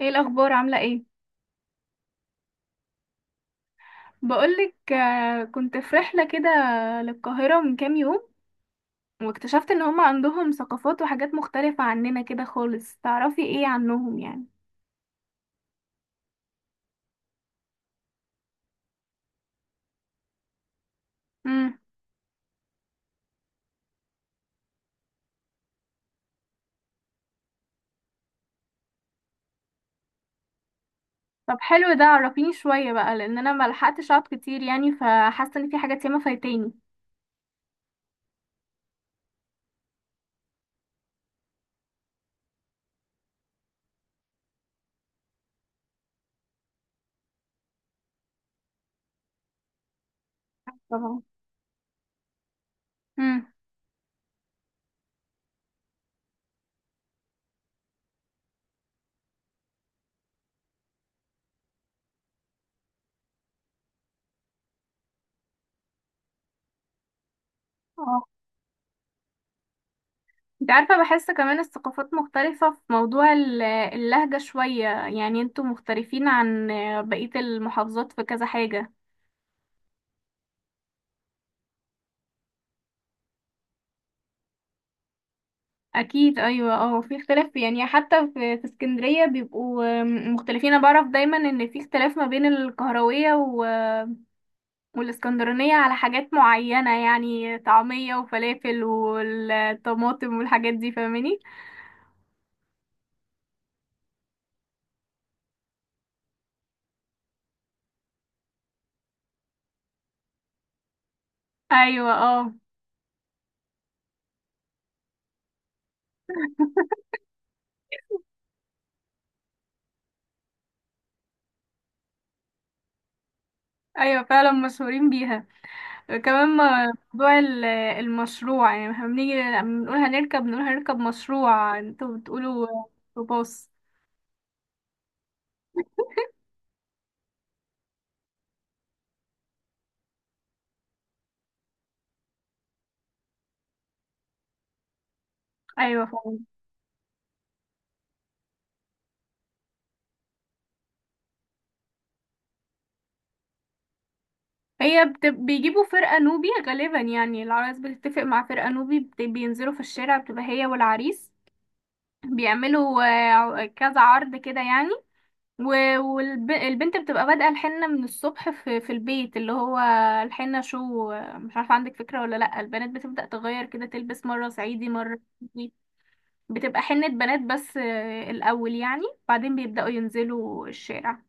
ايه الاخبار، عامله ايه؟ بقولك، كنت في رحله كده للقاهره من كام يوم، واكتشفت ان هم عندهم ثقافات وحاجات مختلفه عننا كده خالص. تعرفي ايه عنهم يعني؟ امم. طب حلو، ده عرفيني شويه بقى، لان انا ما لحقتش اقعد كتير يعني، فحاسه ان في حاجات ياما فايتاني. طبعا. امم. اه. انت عارفه، بحس كمان الثقافات مختلفه في موضوع اللهجه شويه، يعني انتوا مختلفين عن بقيه المحافظات في كذا حاجه. اكيد ايوه، اه، في اختلاف يعني. حتى في اسكندريه بيبقوا مختلفين. انا بعرف دايما ان في اختلاف ما بين القهرويه والاسكندرانيه على حاجات معينه، يعني طعميه وفلافل والطماطم والحاجات دي، فاهماني؟ ايوه اه. ايوه فعلا مشهورين بيها. كمان موضوع المشروع، يعني احنا بنيجي لما بنقول هنركب مشروع. انتوا بتقولوا باص. ايوه. هي بيجيبوا فرقة نوبي غالبا، يعني العرايس بتتفق مع فرقة نوبي، بينزلوا في الشارع، بتبقى هي والعريس بيعملوا كذا عرض كده يعني. والبنت بتبقى بادئة الحنة من الصبح في البيت اللي هو الحنة. شو آه، مش عارفة عندك فكرة ولا لأ؟ البنات بتبدأ تغير كده، تلبس مرة صعيدي، مرة كردي. بتبقى حنة بنات بس الأول يعني، بعدين بيبدأوا ينزلوا الشارع.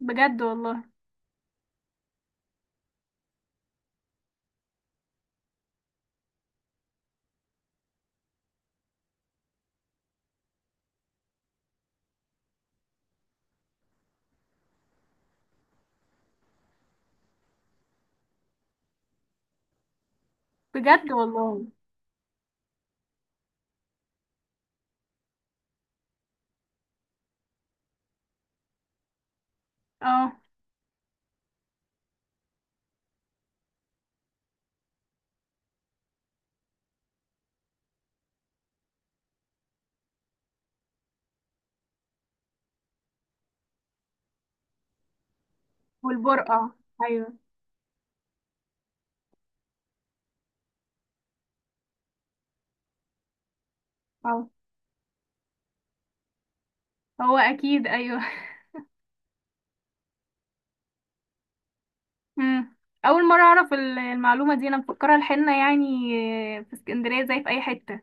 بجد والله. بجد والله. اه. والبرقع. ايوه. اه، هو اكيد ايوه. مم. اول مره اعرف المعلومه دي، انا مفكره الحنه يعني في اسكندريه زي في اي حته.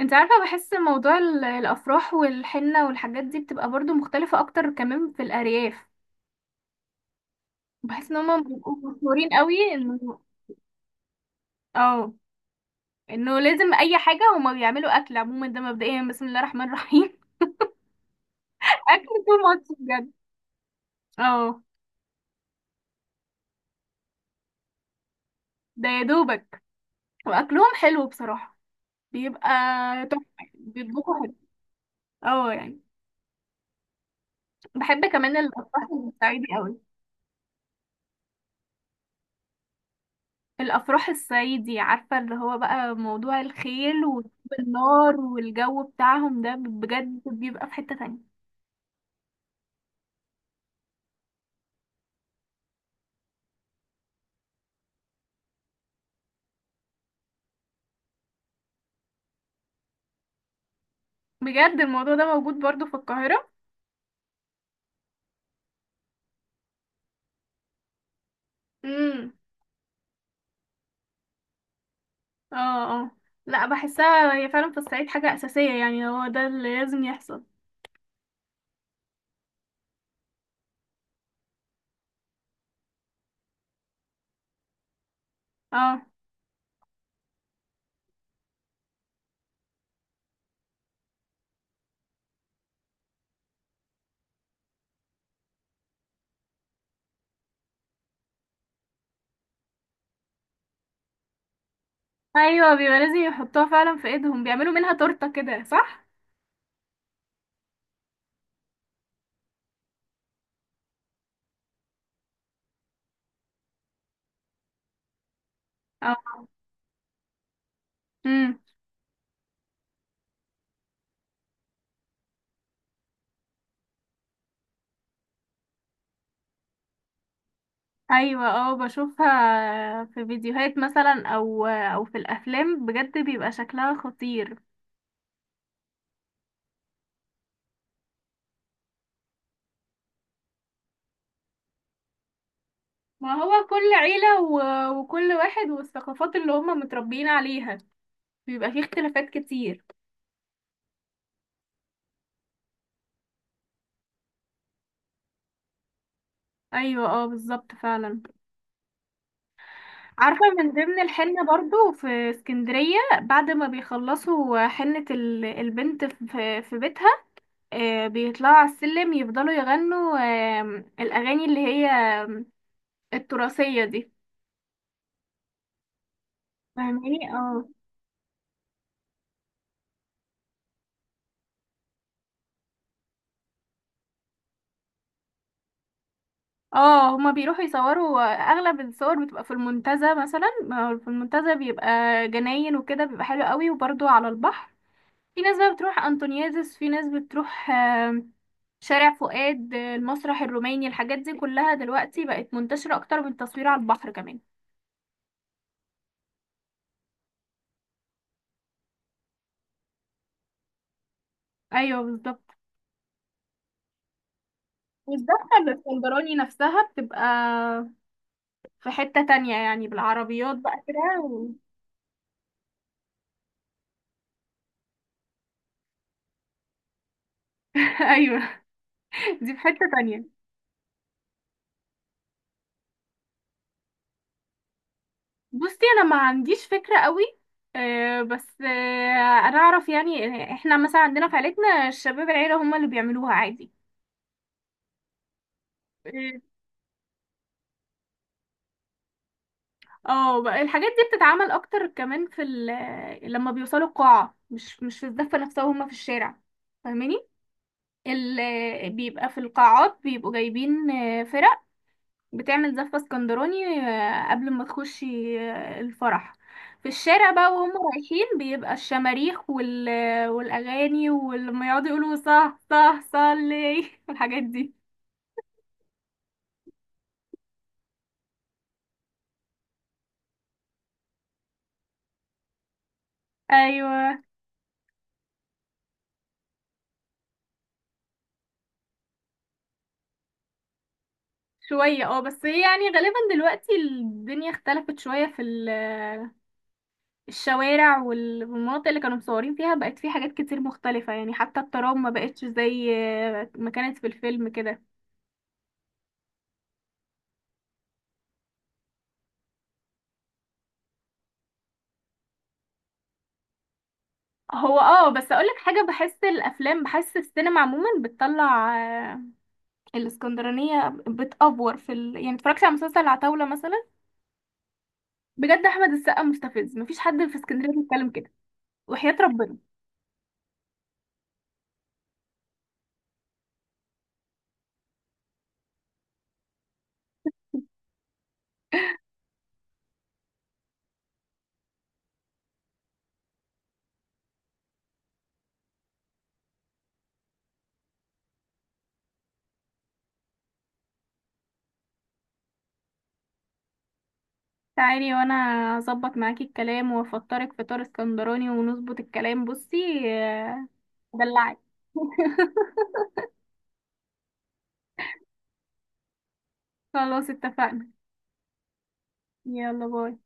انت عارفه، بحس موضوع الافراح والحنه والحاجات دي بتبقى برضو مختلفه اكتر، كمان في الارياف بحس ان هم بيبقوا مشهورين قوي اه انه لازم. اي حاجه هما بيعملوا اكل عموما ده، مبدئيا بسم الله الرحمن الرحيم. اكل طول ماتش بجد. اه. ده يا دوبك. واكلهم حلو بصراحه، بيبقى تحفه. بيطبخوا حلو، اه يعني. بحب كمان الافراح الصعيدي قوي. الافراح الصعيدي، عارفه اللي هو بقى موضوع الخيل وطب النار والجو بتاعهم ده، بجد بيبقى في حته تانية. بجد الموضوع ده موجود برضو في القاهره؟ امم. اه اه. لا، بحسها هي فعلا في الصعيد حاجه اساسيه، يعني هو ده اللي لازم يحصل. اه. ايوه، بيبقى لازم يحطوها فعلا في ايدهم، بيعملوا منها تورته كده، صح؟ اه. ايوه اه، بشوفها في فيديوهات مثلا او في الافلام، بجد بيبقى شكلها خطير. ما هو كل عيلة وكل واحد والثقافات اللي هم متربيين عليها، بيبقى فيه اختلافات كتير. ايوه اه، بالظبط فعلا. عارفة من ضمن الحنة برضو في اسكندرية، بعد ما بيخلصوا حنة البنت في بيتها، بيطلعوا على السلم، يفضلوا يغنوا الاغاني اللي هي التراثية دي، فاهماني؟ اه. اه، هما بيروحوا يصوروا. اغلب الصور بتبقى في المنتزه مثلا، ما هو في المنتزه بيبقى جناين وكده، بيبقى حلو قوي، وبرضو على البحر. في ناس بقى بتروح انطونيادس، في ناس بتروح شارع فؤاد، المسرح الروماني، الحاجات دي كلها دلوقتي بقت منتشرة اكتر من التصوير على البحر كمان. ايوه بالظبط. والزحمة الاسكندراني نفسها بتبقى في حتة تانية يعني، بالعربيات بقى كده ايوه، دي في حتة تانية. بصي انا ما عنديش فكرة قوي. بس انا اعرف يعني، احنا مثلا عندنا في عيلتنا الشباب العيلة هم اللي بيعملوها عادي. اه. بقى الحاجات دي بتتعمل اكتر كمان في لما بيوصلوا القاعة، مش في الزفة نفسها وهم في الشارع، فاهماني؟ بيبقى في القاعات بيبقوا جايبين فرق بتعمل زفة اسكندراني قبل ما تخشي الفرح. في الشارع بقى وهم رايحين، بيبقى الشماريخ والأغاني، ولما يقعدوا يقولوا صح صح صلي والحاجات دي. أيوة. شوية اه، بس هي يعني غالبا دلوقتي الدنيا اختلفت شوية في الشوارع والمناطق اللي كانوا مصورين فيها بقت في حاجات كتير مختلفة، يعني حتى الترام ما بقتش زي ما كانت في الفيلم كده. هو اه، بس اقولك حاجة، بحس الافلام، بحس السينما عموما بتطلع آه، الاسكندرانية بتأفور في يعني اتفرجت على مسلسل العتاولة مثلا. بجد احمد السقا مستفز، مفيش حد في اسكندرية بيتكلم كده، وحياة ربنا. تعالي وانا اظبط معاكي الكلام، وافطرك فطار اسكندراني، ونظبط الكلام. بصي دلعك. خلاص اتفقنا. يلا باي.